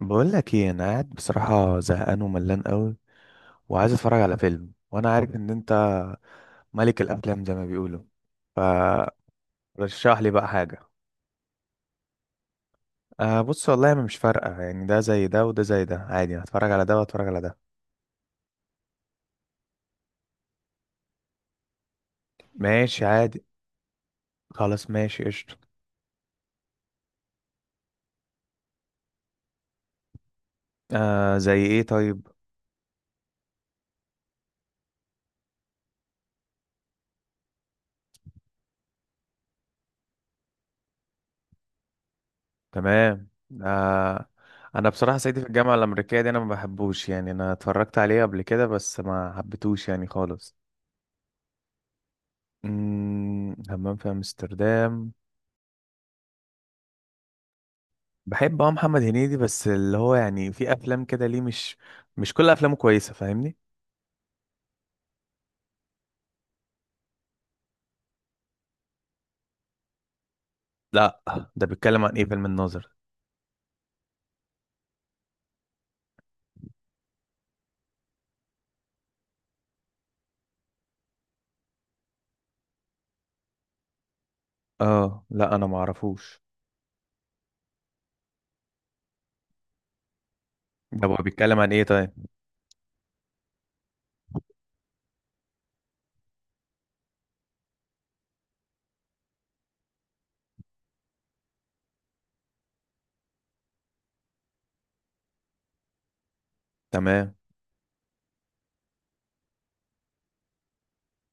بقول لك ايه، انا قاعد بصراحه زهقان وملان قوي وعايز اتفرج على فيلم، وانا عارف ان انت ملك الافلام زي ما بيقولوا. فرشح لي بقى حاجه. أه، بص والله مش فارقه، يعني ده زي ده وده زي ده عادي. هتفرج على ده واتفرج على ده. ماشي عادي. خلاص ماشي قشطه. أه زي ايه طيب؟ تمام. أه، انا بصراحه صعيدي في الجامعه الامريكيه دي انا ما بحبوش، يعني انا اتفرجت عليه قبل كده بس ما حبيتهوش يعني خالص. همام في امستردام. بحب، محمد هنيدي، بس اللي هو يعني في افلام كده، ليه مش كل افلامه كويسه، فاهمني؟ لا، ده بيتكلم عن ايه فيلم الناظر؟ اه، لا انا ما اعرفوش. ده هو بيتكلم عن ايه طيب؟ تمام.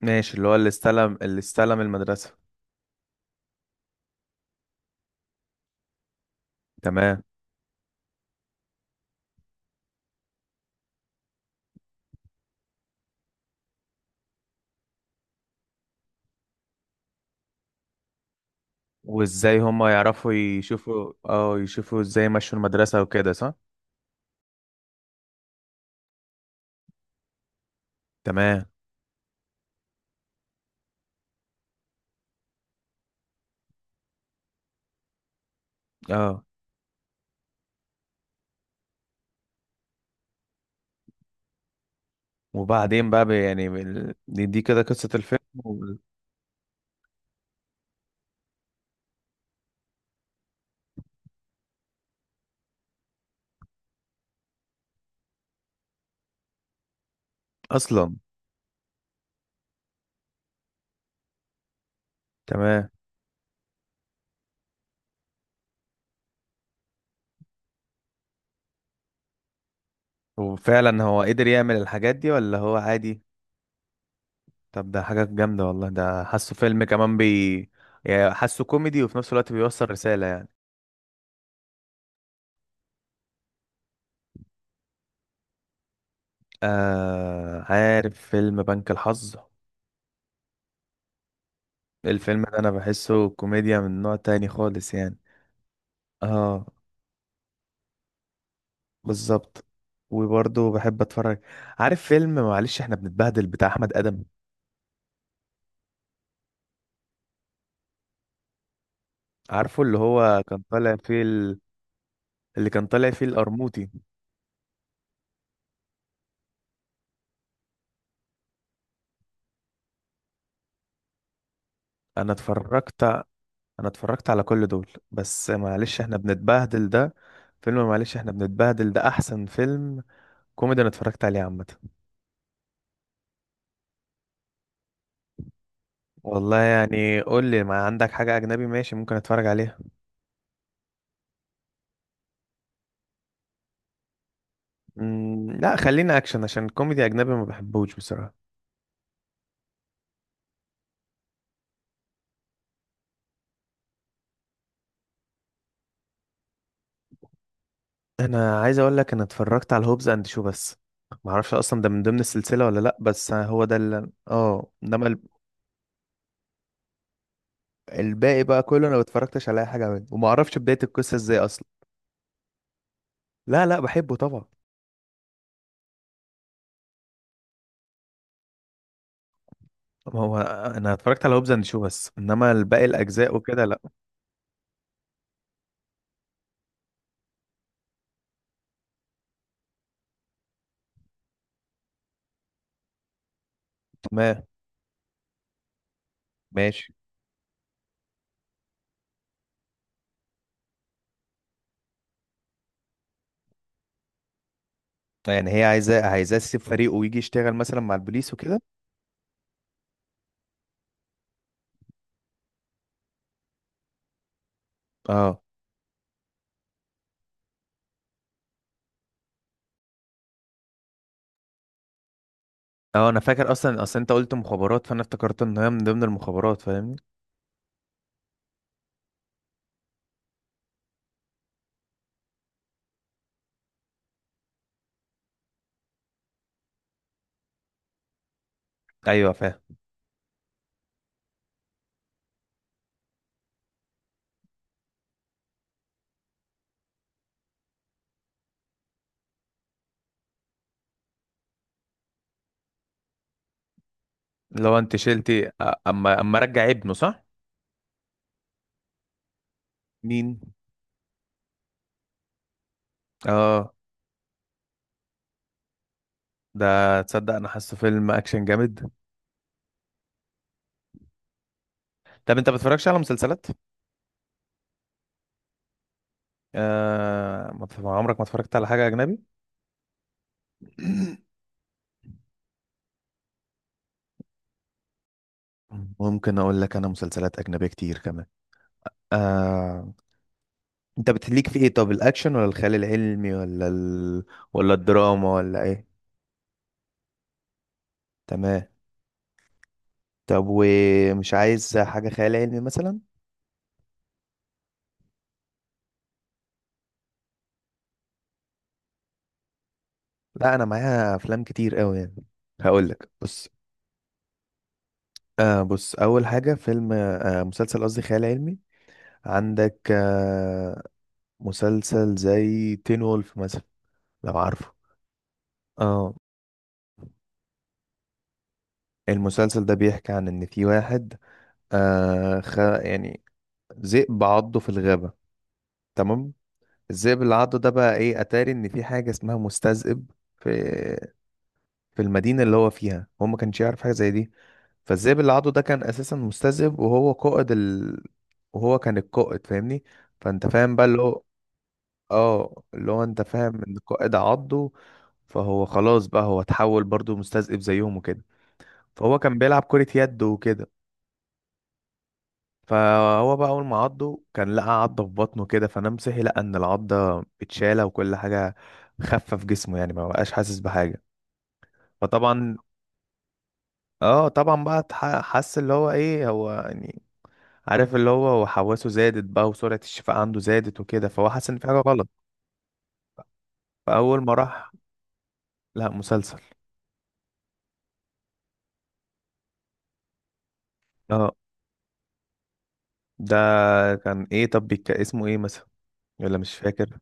ماشي، اللي هو اللي استلم المدرسه. تمام، وازاي هما يعرفوا يشوفوا ازاي مشوا المدرسه وكده، صح؟ تمام. اه. وبعدين بقى يعني دي كده قصه الفيلم وال- اصلا. تمام. وفعلا هو قدر يعمل الحاجات دي ولا هو عادي؟ طب ده حاجة جامدة والله، ده حاسه فيلم كمان. يعني حاسه كوميدي وفي نفس الوقت بيوصل رسالة يعني. آه، عارف فيلم بنك الحظ؟ الفيلم ده أنا بحسه كوميديا من نوع تاني خالص يعني. اه بالظبط. وبرضه بحب اتفرج. عارف فيلم معلش احنا بنتبهدل بتاع احمد ادم؟ عارفه اللي هو كان طالع فيه. اللي كان طالع فيه القرموطي. انا اتفرجت انا اتفرجت على كل دول، بس معلش احنا بنتبهدل ده. فيلم معلش احنا بنتبهدل ده احسن فيلم كوميدي انا اتفرجت عليه عامه. والله يعني، قول لي ما عندك حاجه اجنبي ماشي، ممكن اتفرج عليها. لا خلينا اكشن، عشان الكوميدي اجنبي ما بحبوش بصراحه. انا عايز اقول لك، انا اتفرجت على هوبز اند شو بس. ما اعرفش اصلا ده من ضمن السلسله ولا لا، بس هو ده اللي انما الباقي بقى كله انا ما اتفرجتش على اي حاجه منه، وما اعرفش بدايه القصه ازاي اصلا. لا، لا بحبه طبعا. ما هو انا اتفرجت على هوبز اند شو بس، انما الباقي الاجزاء وكده لا. تمام ماشي. يعني هي عايزاه، تسيب فريقه ويجي يشتغل مثلا مع البوليس وكده. اه. اه، انا فاكر. اصلا اصلا انت قلت مخابرات، فانا افتكرت ان هي من ضمن المخابرات، فاهمني؟ ايوه فاهم. لو انت شلتي، اما رجع ابنه، صح؟ مين؟ اه. ده تصدق انا حاسه فيلم اكشن جامد. طب انت ما بتتفرجش على مسلسلات؟ ما بت- عمرك ما اتفرجت على حاجه اجنبي؟ ممكن اقول لك انا مسلسلات اجنبيه كتير كمان. آه، انت بتليك في ايه؟ طب الاكشن ولا الخيال العلمي ولا ولا الدراما ولا ايه؟ تمام. طب ومش عايز حاجة خيال علمي مثلا؟ لا انا معايا افلام كتير قوي يعني. هقول لك، بص. بص، اول حاجة، فيلم، مسلسل قصدي، خيال علمي. عندك, مسلسل زي تين وولف مثلا، لو عارفه. اه. المسلسل ده بيحكي عن ان في واحد، يعني ذئب عضه في الغابة. تمام. الذئب اللي عضه ده بقى ايه؟ اتاري ان في حاجه اسمها مستذئب. في في المدينه اللي هو فيها هو ما كانش يعرف حاجه زي دي. فالذئب اللي عضه ده كان اساسا مستذئب، وهو قائد. وهو كان القائد، فاهمني؟ فانت فاهم بقى اللي هو، اه اللي هو، انت فاهم ان القائد عضه. فهو خلاص بقى، هو اتحول برضه مستذئب زيهم وكده. فهو كان بيلعب كرة يد وكده. فهو بقى اول ما عضه، كان لقى عضه في بطنه كده، فنام صحي لقى ان العضه اتشاله وكل حاجه. خفه في جسمه يعني، ما بقاش حاسس بحاجه. فطبعا، اه طبعا بقى حس اللي هو ايه هو يعني. عارف، اللي هو وحواسه زادت بقى، وسرعه الشفاء عنده زادت وكده، فهو حس ان في حاجه غلط. فاول ما راح. لا مسلسل. اه، ده كان ايه طب بيك، اسمه ايه مثلا، ولا مش فاكر؟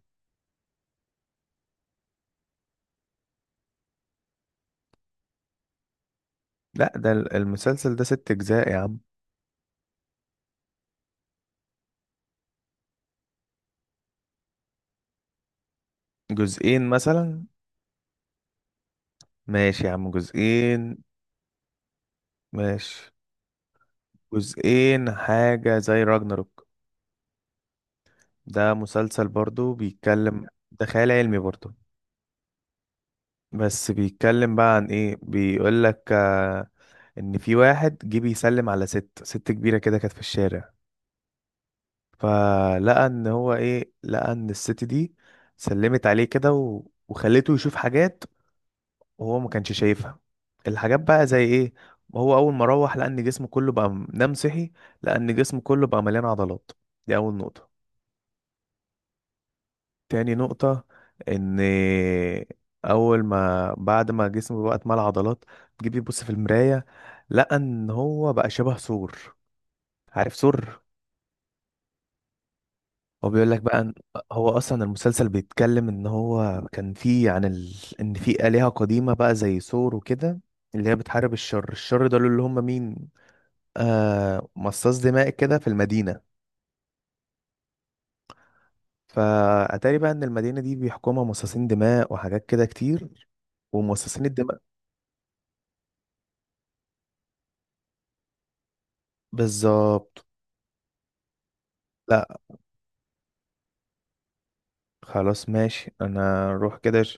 لا، المسلسل ده 6 اجزاء يا عم. جزئين مثلا. ماشي يا عم، جزئين. ماشي. جزئين، حاجة زي راجناروك. ده مسلسل برضو، بيتكلم، ده خيال علمي برضو. بس بيتكلم بقى عن ايه؟ بيقول لك، ان في واحد جه بيسلم على ست كبيرة كده، كانت في الشارع. فلقى ان هو ايه، لقى ان الست دي سلمت عليه كده وخلته يشوف حاجات، وهو ما كانش شايفها. الحاجات بقى زي ايه؟ هو اول ما روح لقى ان جسمه كله بقى نام صحي لقى ان جسمه كله بقى مليان عضلات. دي اول نقطة. تاني نقطة، ان اول ما بعد ما جسمه بقى اتملى عضلات، تجيب يبص في المراية لقى ان هو بقى شبه ثور. عارف ثور؟ هو بيقول لك بقى، إن هو اصلا المسلسل بيتكلم ان هو كان فيه عن. ان في آلهة قديمة بقى زي ثور وكده، اللي هي بتحارب الشر. الشر دول اللي هم مين؟ مصاص دماء كده في المدينة. فأتاري بقى ان المدينة دي بيحكمها مصاصين دماء وحاجات كده كتير، ومصاصين الدماء. بالظبط. لا، خلاص ماشي انا روح كده.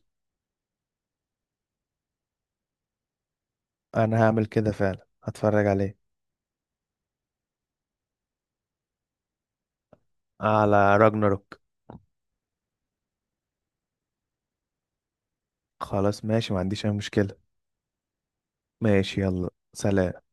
انا هعمل كده فعلا، هتفرج عليه، على راجناروك. خلاص ماشي، ما عنديش اي مشكلة. ماشي، يلا سلام.